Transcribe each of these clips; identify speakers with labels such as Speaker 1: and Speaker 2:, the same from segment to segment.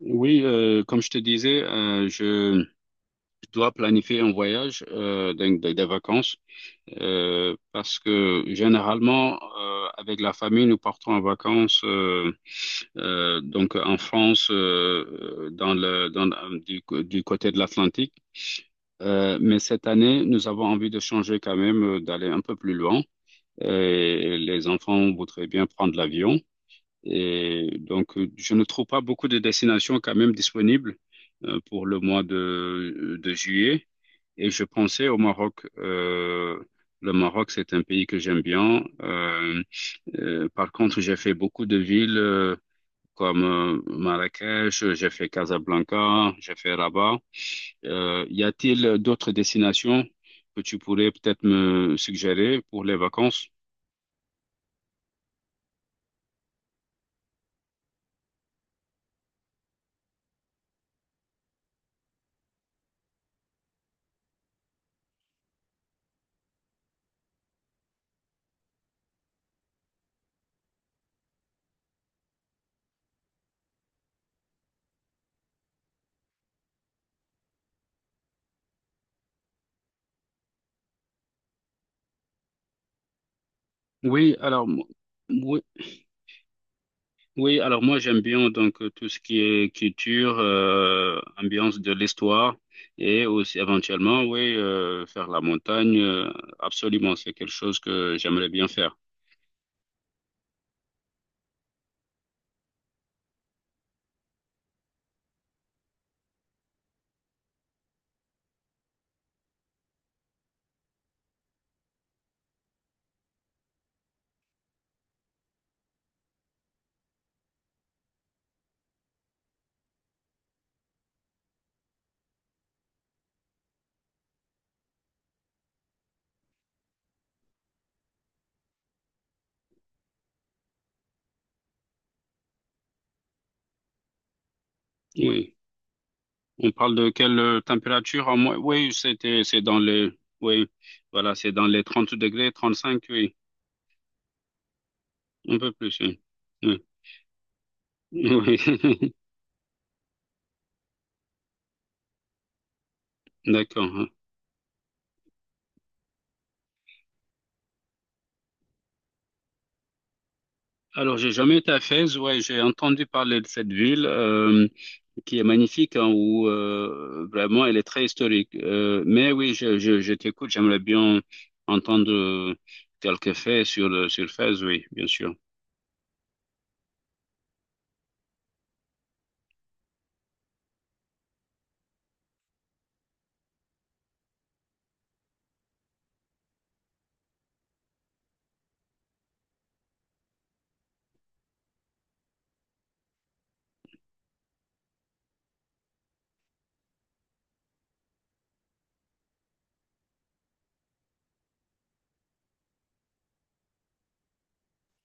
Speaker 1: Oui, comme je te disais, je dois planifier un voyage, donc des vacances, parce que généralement, avec la famille, nous partons en vacances, donc en France, dans le, dans, du côté de l'Atlantique. Mais cette année, nous avons envie de changer quand même, d'aller un peu plus loin. Et les enfants voudraient bien prendre l'avion. Et donc, je ne trouve pas beaucoup de destinations quand même disponibles pour le mois de juillet. Et je pensais au Maroc. Le Maroc, c'est un pays que j'aime bien. Par contre, j'ai fait beaucoup de villes comme Marrakech, j'ai fait Casablanca, j'ai fait Rabat. Y a-t-il d'autres destinations que tu pourrais peut-être me suggérer pour les vacances? Oui, alors, m- oui, Oui, alors moi j'aime bien donc tout ce qui est culture, ambiance de l'histoire et aussi éventuellement oui faire la montagne. Absolument, c'est quelque chose que j'aimerais bien faire. Oui. On parle de quelle température en moins? Oui, c'était c'est dans les oui, voilà, c'est dans les 30 degrés, 35. Oui, un peu plus. Oui, oui, oui. D'accord, hein. Alors j'ai jamais été à Fès. Ouais, j'ai entendu parler de cette ville, qui est magnifique, hein, où vraiment elle est très historique. Mais oui, je t'écoute, j'aimerais bien entendre quelques faits sur le Fès, oui, bien sûr.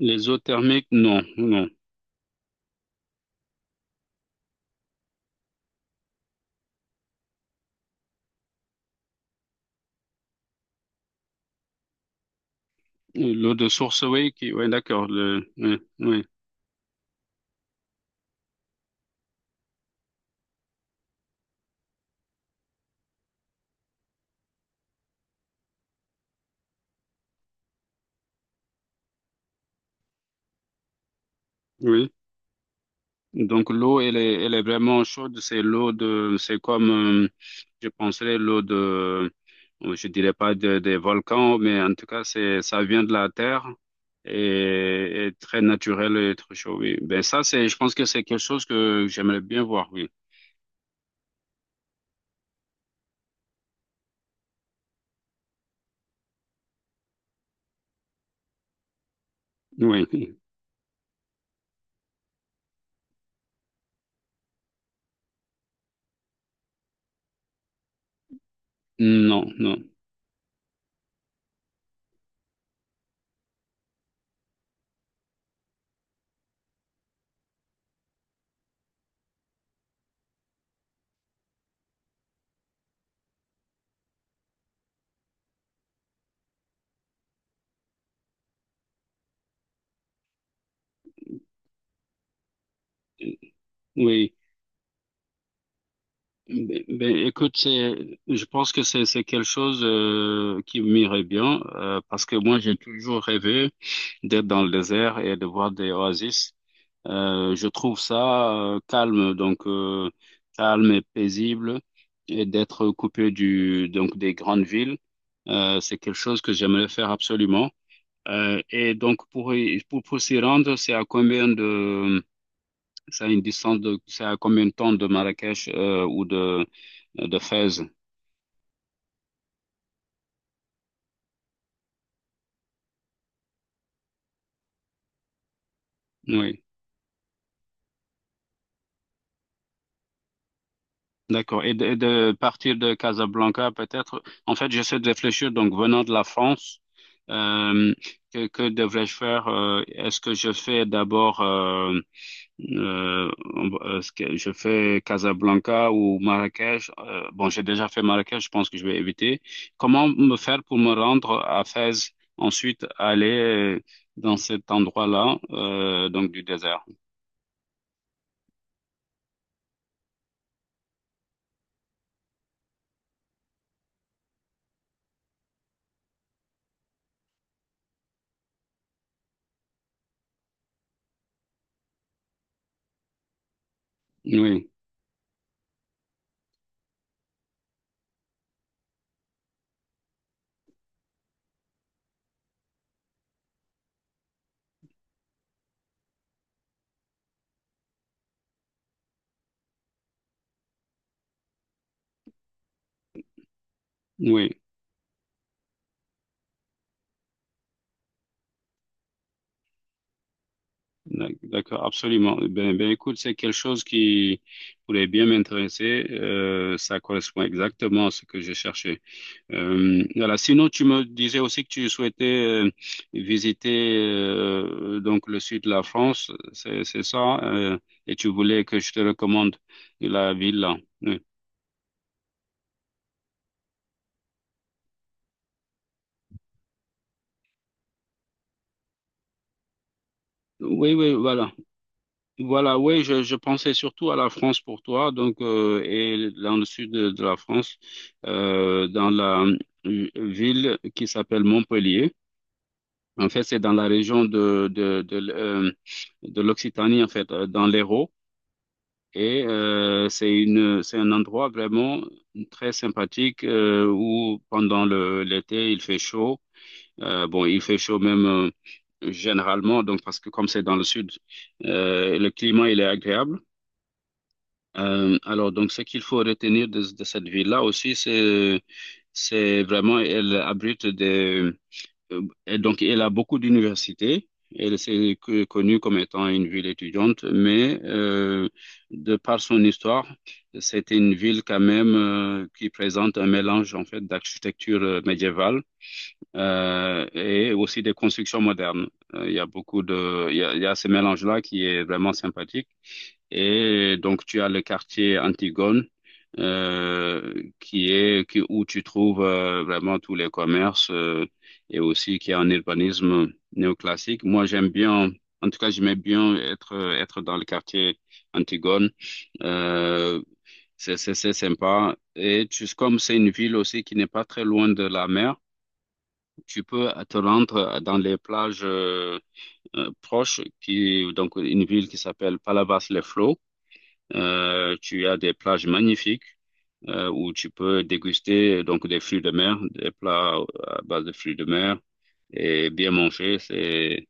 Speaker 1: Les eaux thermiques, non, non. L'eau de source, oui, qui, ouais, d'accord, le, oui, oui, oui. Donc l'eau, elle est vraiment chaude. C'est l'eau de, c'est comme, je penserais l'eau de, je dirais pas des volcans, mais en tout cas c'est, ça vient de la terre et très naturel et très chaud. Oui. Ben ça c'est, je pense que c'est quelque chose que j'aimerais bien voir. Oui. Oui. Non, non. Oui. Ben, ben, écoute, c'est, je pense que c'est quelque chose qui m'irait bien parce que moi j'ai toujours rêvé d'être dans le désert et de voir des oasis. Je trouve ça calme, donc calme et paisible, et d'être coupé du donc des grandes villes, c'est quelque chose que j'aimerais faire absolument. Et donc pour pour s'y rendre, c'est à combien de, c'est à une distance de, c'est à combien de temps de Marrakech ou de Fès? Oui. D'accord. Et et de partir de Casablanca, peut-être. En fait, j'essaie de réfléchir, donc venant de la France, euh, que devrais-je faire? Est-ce que je fais d'abord, euh, est-ce que je fais Casablanca ou Marrakech? Bon, j'ai déjà fait Marrakech, je pense que je vais éviter. Comment me faire pour me rendre à Fès, ensuite aller dans cet endroit-là, donc du désert? Oui, oui. D'accord, absolument. Ben, ben, écoute, c'est quelque chose qui pourrait bien m'intéresser. Ça correspond exactement à ce que je cherchais. Voilà. Sinon, tu me disais aussi que tu souhaitais visiter donc le sud de la France, c'est ça, et tu voulais que je te recommande la ville là. Oui, oui, oui, voilà. Voilà, oui, je pensais surtout à la France pour toi, donc et dans le sud de la France, dans la ville qui s'appelle Montpellier. En fait, c'est dans la région de l'Occitanie, en fait, dans l'Hérault, et c'est un endroit vraiment très sympathique où pendant le l'été il fait chaud. Bon, il fait chaud même généralement, donc parce que comme c'est dans le sud, le climat il est agréable. Alors, donc, ce qu'il faut retenir de cette ville-là aussi, c'est, vraiment, elle abrite et donc, elle a beaucoup d'universités. Elle s'est connue comme étant une ville étudiante, mais de par son histoire, c'est une ville quand même qui présente un mélange en fait d'architecture médiévale et aussi des constructions modernes. Il y a beaucoup de, il y a ce mélange-là qui est vraiment sympathique. Et donc, tu as le quartier Antigone, qui est qui, où tu trouves vraiment tous les commerces et aussi qui a un urbanisme néoclassique. Moi, j'aime bien, en tout cas, j'aimais bien être dans le quartier Antigone. Euh, c'est sympa. Et tu, comme c'est une ville aussi qui n'est pas très loin de la mer, tu peux te rendre dans les plages proches, qui donc une ville qui s'appelle Palavas-les-Flots, tu as des plages magnifiques où tu peux déguster donc des fruits de mer, des plats à base de fruits de mer et bien manger. C'est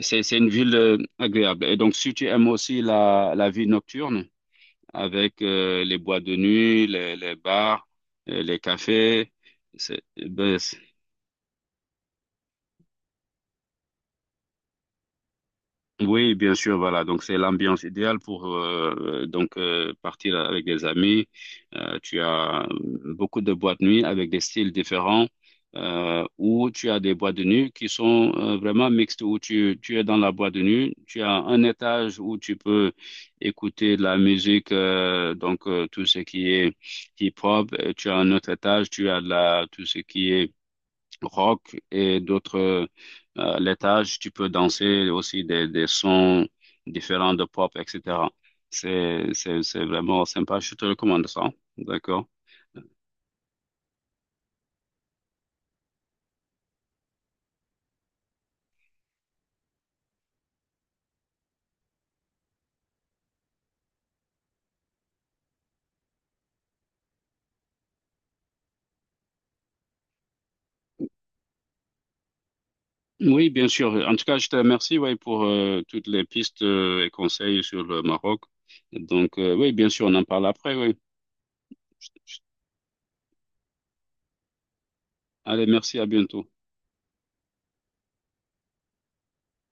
Speaker 1: c'est c'est une ville agréable. Et donc si tu aimes aussi la vie nocturne avec les boîtes de nuit, les bars, les cafés, c'est, ben, oui, bien sûr, voilà. Donc c'est l'ambiance idéale pour partir avec des amis. Tu as beaucoup de boîtes de nuit avec des styles différents, ou tu as des boîtes de nuit qui sont vraiment mixtes, où tu es dans la boîte de nuit, tu as un étage où tu peux écouter de la musique, tout ce qui est hip-hop. Et tu as un autre étage, tu as de la tout ce qui est rock et d'autres laitages. Tu peux danser aussi des sons différents de pop, etc. C'est vraiment sympa. Je te recommande ça. D'accord? Oui, bien sûr. En tout cas, je te remercie, ouais, pour toutes les pistes et conseils sur le Maroc. Donc, oui, bien sûr, on en parle après, oui. Allez, merci, à bientôt.